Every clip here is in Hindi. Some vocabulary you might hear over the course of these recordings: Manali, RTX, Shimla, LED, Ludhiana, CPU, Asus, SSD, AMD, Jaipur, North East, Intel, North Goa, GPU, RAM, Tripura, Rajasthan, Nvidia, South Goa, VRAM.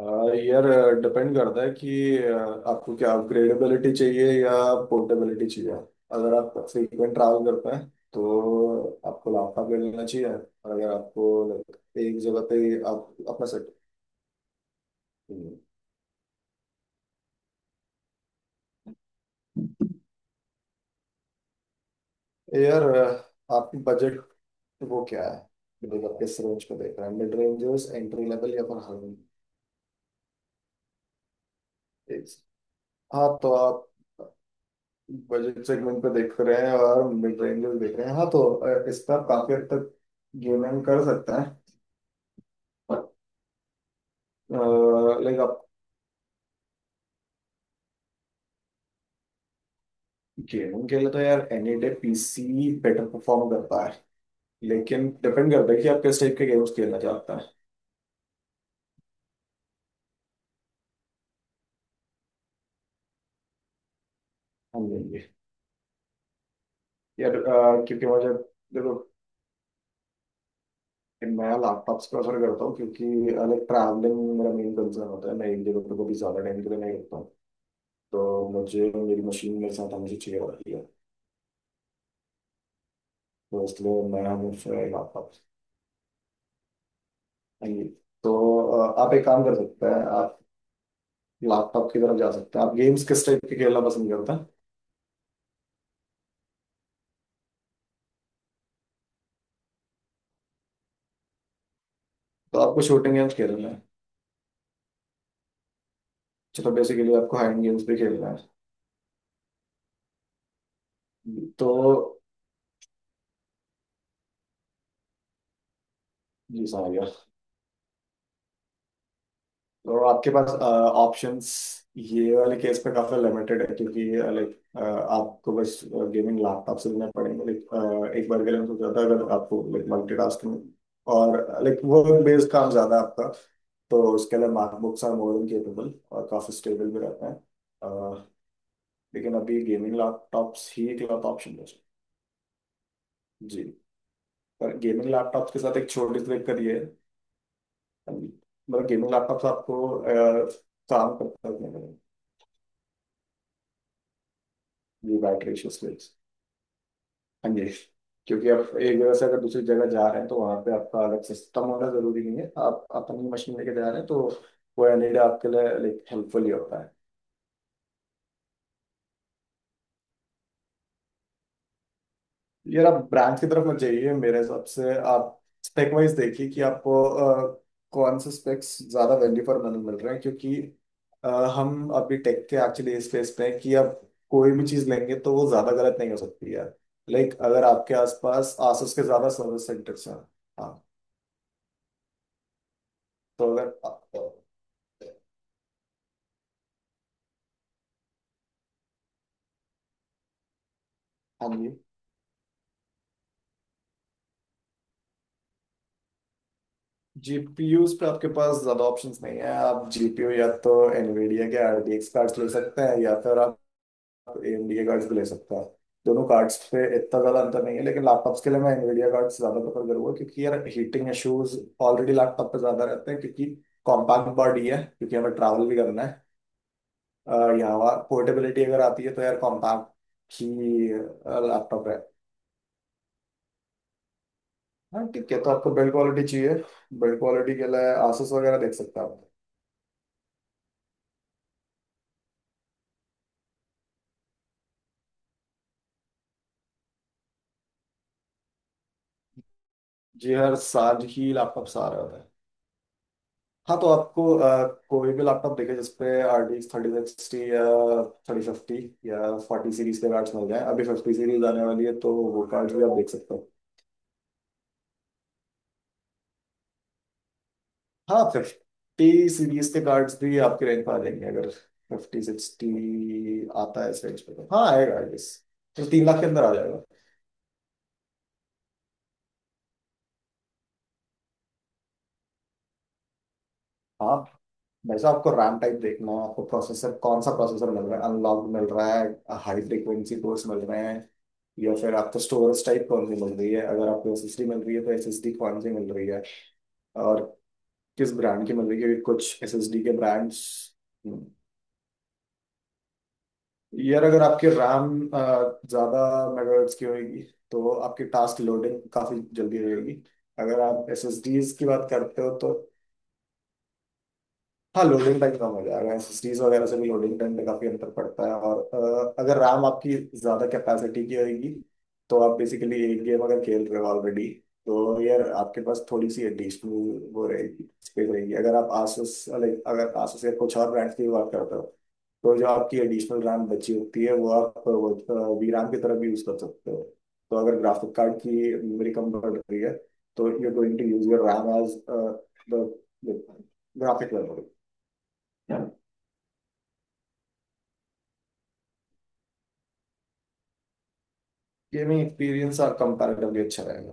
यार, डिपेंड करता है कि आपको क्या अपग्रेडेबिलिटी चाहिए या पोर्टेबिलिटी चाहिए। अगर आप फ्रीक्वेंट ट्रैवल करते हैं तो आपको लैपटॉप ले लेना चाहिए, और अगर आपको एक जगह पे ही आप अपना सेट। यार आपकी बजट वो क्या है? मतलब आप किस रेंज पे देख रहे हैं, मिड रेंजर्स, एंट्री लेवल या फिर हाई? एक। हाँ, तो आप बजट सेगमेंट पे देख रहे हैं और मिड रेंजर्स देख रहे हैं, हाँ। तो इस पर आप काफी हद तक गेमिंग कर सकते हैं। लाइक आप। गेमिंग के लिए तो यार any day PC better perform करता है, लेकिन डिपेंड करता है कि आप किस टाइप के गेम्स खेलना चाहते हैं। हाँ जी जी। यार क्योंकि मुझे, देखो, मैं लैपटॉप से प्रेफर करता हूँ, क्योंकि लाइक ट्रैवलिंग मेरा मेन कंसर्न होता है। मैं एक जगह पे कभी ज़्यादा टाइम के लिए नहीं रुकता हूँ, तो मुझे मेरी मशीन मेरे साथ हमेशा चाहिए होती है, तो इसलिए मैं हमेशा लैपटॉप। हाँ जी। तो आप एक काम कर सकते हैं, आप लैपटॉप की तरफ जा सकते हैं। आप गेम्स किस टाइप के खेलना पसंद करते हैं? तो आपको शूटिंग गेम्स खेलना है। चलो, बेसिकली आपको हाइड गेम्स भी खेलना है तो। जी, समझ गया। तो आपके पास ऑप्शंस ये वाले केस पे काफी लिमिटेड है, क्योंकि लाइक आपको बस गेमिंग लैपटॉप से लेना पड़ेंगे। लाइक एक बार के लिए मैं सोच रहा था, अगर आपको लाइक मल्टीटास्किंग और लाइक वर्क बेस्ड काम ज्यादा है आपका, तो उसके लिए MacBooks are more than capable और काफी स्टेबल भी रहते हैं। अह, लेकिन अभी गेमिंग लैपटॉप्स ही एक ऑप्शन है। जी। पर गेमिंग लैपटॉप के साथ एक छोटी सी दिक्कत ये है, मतलब गेमिंग लैपटॉप आपको काम करता है। ये बैटरी इश्यूज के लिए। हाँ जी, क्योंकि आप एक जगह से अगर दूसरी जगह जा रहे हैं तो वहाँ पे आपका अलग सिस्टम होना जरूरी नहीं है, आप अपनी मशीन लेके जा रहे हैं, तो वो एलईडी आपके लिए लाइक हेल्पफुल ही होता है। यार आप ब्रांड की तरफ मत जाइए, मेरे हिसाब से आप स्पेक वाइज देखिए कि आपको कौन से स्पेक्स ज्यादा वैल्यू फॉर मनी मिल रहे हैं, क्योंकि अ, हम अभी टेक के एक्चुअली इस फेस पे हैं कि आप कोई भी चीज लेंगे तो वो ज्यादा गलत नहीं हो सकती है। लाइक अगर आपके आसपास आसुस के ज्यादा सर्विस सेंटर्स हैं। हाँ। तो अगर। हाँ जी। जीपीयूज पे आपके पास ज्यादा ऑप्शंस नहीं है, आप जीपीयू या तो एनवीडिया के आरटीएक्स कार्ड्स ले सकते हैं, या फिर आप एएमडी के कार्ड्स भी ले सकता है। दोनों कार्ड्स पे इतना ज्यादा अंतर नहीं है, लेकिन लैपटॉप्स के लिए मैं एनवीडिया कार्ड्स ज्यादा प्रेफर करूंगा, क्योंकि यार हीटिंग इश्यूज ऑलरेडी लैपटॉप पे ज्यादा रहते हैं, क्योंकि कॉम्पैक्ट बॉडी है, क्योंकि हमें ट्रैवल भी करना है। और यहाँ पोर्टेबिलिटी अगर आती है तो यार कॉम्पैक्ट ही लैपटॉप है। हाँ ठीक है, तो आपको बिल्ड क्वालिटी चाहिए। बिल्ड क्वालिटी के लिए आसूस वगैरह देख सकते हैं आप। जी, हर साल ही लैपटॉप आ रहे होते हैं। हाँ, तो आपको कोई भी लैपटॉप देखे जिसपे आर डी 3060 या 3050 या 40 सीरीज के कार्ड्स मिल जाए। अभी 50 सीरीज आने वाली है, तो वो कार्ड्स भी आप देख सकते हो। हाँ, 50 सीरीज के कार्ड्स भी आपके रेंज पर आ जाएंगे। अगर 5060 आता है इस रेंज पे, तो हाँ, आएगा आई गेस। तो 3 लाख के अंदर आ जाएगा। हाँ, वैसे आपको रैम टाइप देखना है, आपको प्रोसेसर कौन सा प्रोसेसर मिल रहा है, अनलॉक मिल रहा है, हाई फ्रीक्वेंसी कोर्स मिल रहे हैं, या फिर आपको स्टोरेज टाइप कौन सी मिल रही है। अगर आपको एसएसडी मिल रही है तो एसएसडी कौन सी मिल रही है और किस ब्रांड की मिल रही है, क्योंकि कुछ एसएसडी के ब्रांड्स। यार अगर आपकी रैम ज़्यादा मेगाहर्ट्ज की होगी, तो आपकी टास्क लोडिंग काफ़ी जल्दी रहेगी। अगर आप एसएसडीज की बात करते हो तो हाँ, लोडिंग टाइम कम हो जाएगा। एसएसडीज वगैरह से भी लोडिंग टाइम पे काफी अंतर पड़ता है। और अगर रैम आपकी ज्यादा कैपेसिटी की होगी, तो आप बेसिकली एक गेम अगर खेल रहे हो ऑलरेडी, तो यार आपके पास थोड़ी सी एडिशनल वो रहेगी, स्पेस रहेगी। अगर आप आसूस लाइक अगर आसूस या कुछ और ब्रांड्स की बात करते हो, तो जो आपकी एडिशनल रैम बची होती है वो आप वो वी रैम की तरह भी यूज कर सकते हो। तो अगर ग्राफिक कार्ड की मेमोरी कम बढ़ रही है, तो you going to use your RAM as the graphic memory. Gaming experience आप कंपैरेटिवली अच्छा रहेगा।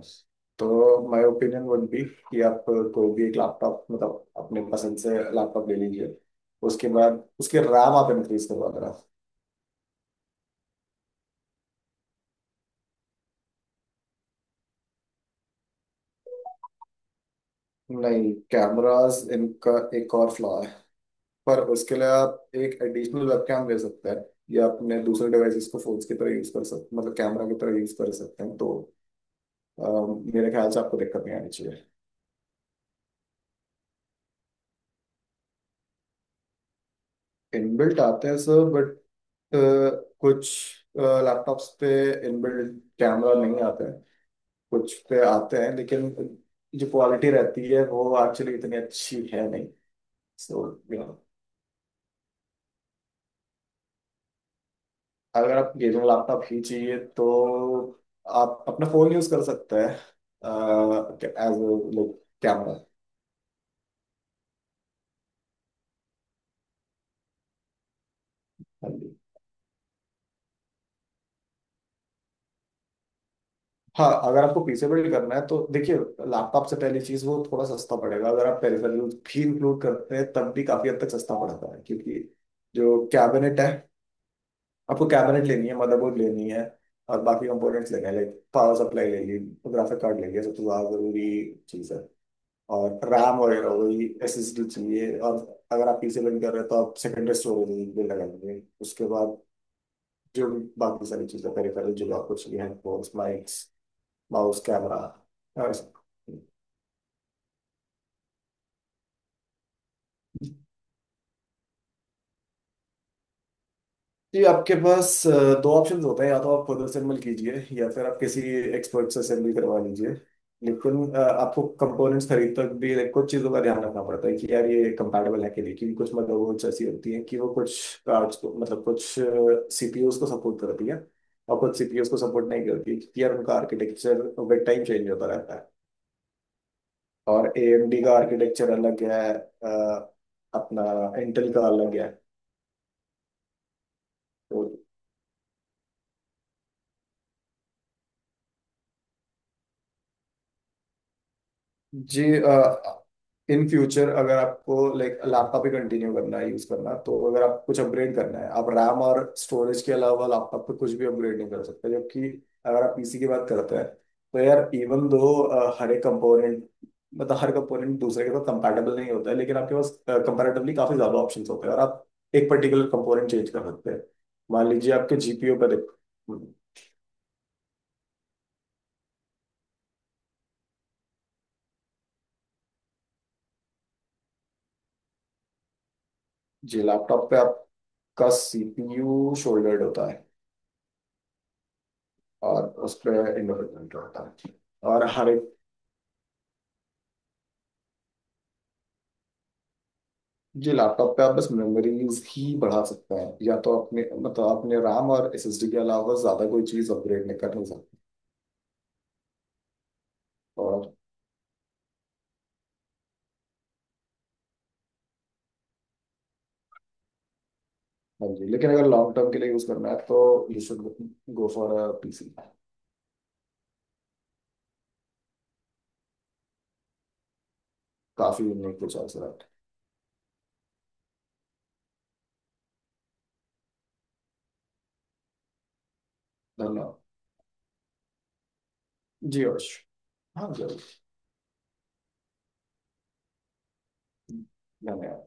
तो माय ओपिनियन वुड बी कि आप कोई भी एक लैपटॉप, मतलब अपने पसंद से लैपटॉप ले लीजिए, उसके बाद उसके रैम आप इंक्रीज करवा देना। नहीं, कैमरास इनका एक और फ्लॉ है, पर उसके लिए आप एक एडिशनल वेबकैम ले सकते हैं, या अपने दूसरे डिवाइसेस को फोन्स की तरह यूज कर सकते, मतलब कैमरा की तरह यूज कर सकते हैं, तो मेरे ख्याल से आपको दिक्कत नहीं आनी चाहिए। इनबिल्ट आते हैं सर, बट कुछ लैपटॉप्स पे इनबिल्ट कैमरा नहीं आते हैं, कुछ पे आते हैं, लेकिन जो क्वालिटी रहती है वो एक्चुअली इतनी अच्छी है नहीं। सो यू नो अगर आप गेमिंग लैपटॉप ही चाहिए, तो आप अपना फोन यूज कर सकते हैं एज लाइक कैमरा। हाँ, अगर आपको पीसेबल करना है तो देखिए, लैपटॉप से पहली चीज, वो थोड़ा सस्ता पड़ेगा। अगर आप पेरिफेरल भी इंक्लूड करते हैं तब भी काफी हद तक सस्ता पड़ता है, क्योंकि जो कैबिनेट है, आपको कैबिनेट लेनी है, मदरबोर्ड लेनी है, और बाकी कंपोनेंट्स लेने हैं। लाइक पावर सप्लाई ले ली, ग्राफिक कार्ड ले लिया, सबसे ज्यादा जरूरी चीज है, और रैम वगैरह हो गई, SSD चाहिए, और अगर आप पीसी बिल्ड कर रहे हैं तो आप सेकेंडरी स्टोरेज भी लगाएंगे। उसके बाद जो बाकी सारी चीजें पेरिफेरल जो भी आपको चाहिए, हेडफोन्स, माउस, कैमरा। जी, आपके पास दो ऑप्शंस होते हैं, या तो आप खुद असेंबल कीजिए या फिर आप किसी एक्सपर्ट से असेंबल करवा लीजिए। लेकिन आपको कंपोनेंट्स खरीदते वक्त भी कुछ चीज़ों का ध्यान रखना पड़ता है कि यार, ये कंपैटिबल है कि नहीं, क्योंकि कुछ मदरबोर्ड्स ऐसी होती हैं कि वो कुछ कार्ड्स को, मतलब कुछ सीपीयूज को सपोर्ट करती है और कुछ सीपीयूज को सपोर्ट नहीं करती, क्योंकि यार उनका आर्किटेक्चर विद टाइम चेंज होता रहता है। और एएमडी का आर्किटेक्चर अलग है, अ, अपना इंटेल का अलग है। तो जी, इन फ्यूचर अगर आपको लाइक लैपटॉप ही कंटिन्यू करना है यूज करना, तो अगर आप कुछ अपग्रेड करना है, आप रैम और स्टोरेज के अलावा लैपटॉप पे कुछ भी अपग्रेड नहीं कर सकते। जबकि अगर आप पीसी की बात करते हैं, तो यार इवन दो हर एक कंपोनेंट, मतलब हर कंपोनेंट दूसरे के साथ कंपैटिबल नहीं होता है, लेकिन आपके पास कंपैरेटिवली काफी ज्यादा ऑप्शंस होते हैं और आप एक पर्टिकुलर कंपोनेंट चेंज कर सकते हैं। मान लीजिए आपके जीपीयू पे देख। जी, लैपटॉप पे आपका सीपीयू शोल्डर्ड होता है और उसमें इंडिपेंडेंट होता है और हर एक। जी, लैपटॉप पे आप बस मेमोरीज ही बढ़ा सकते हैं, या तो अपने, मतलब अपने RAM और SSD के अलावा ज्यादा कोई चीज अपग्रेड नहीं कर नहीं सकते, और हाँ जी। लेकिन अगर लॉन्ग टर्म के लिए यूज करना है तो you should go for a PC. काफी यूनिक टू चॉइस। धन्यवाद। जी यश, हाँ जरूर। धन्यवाद।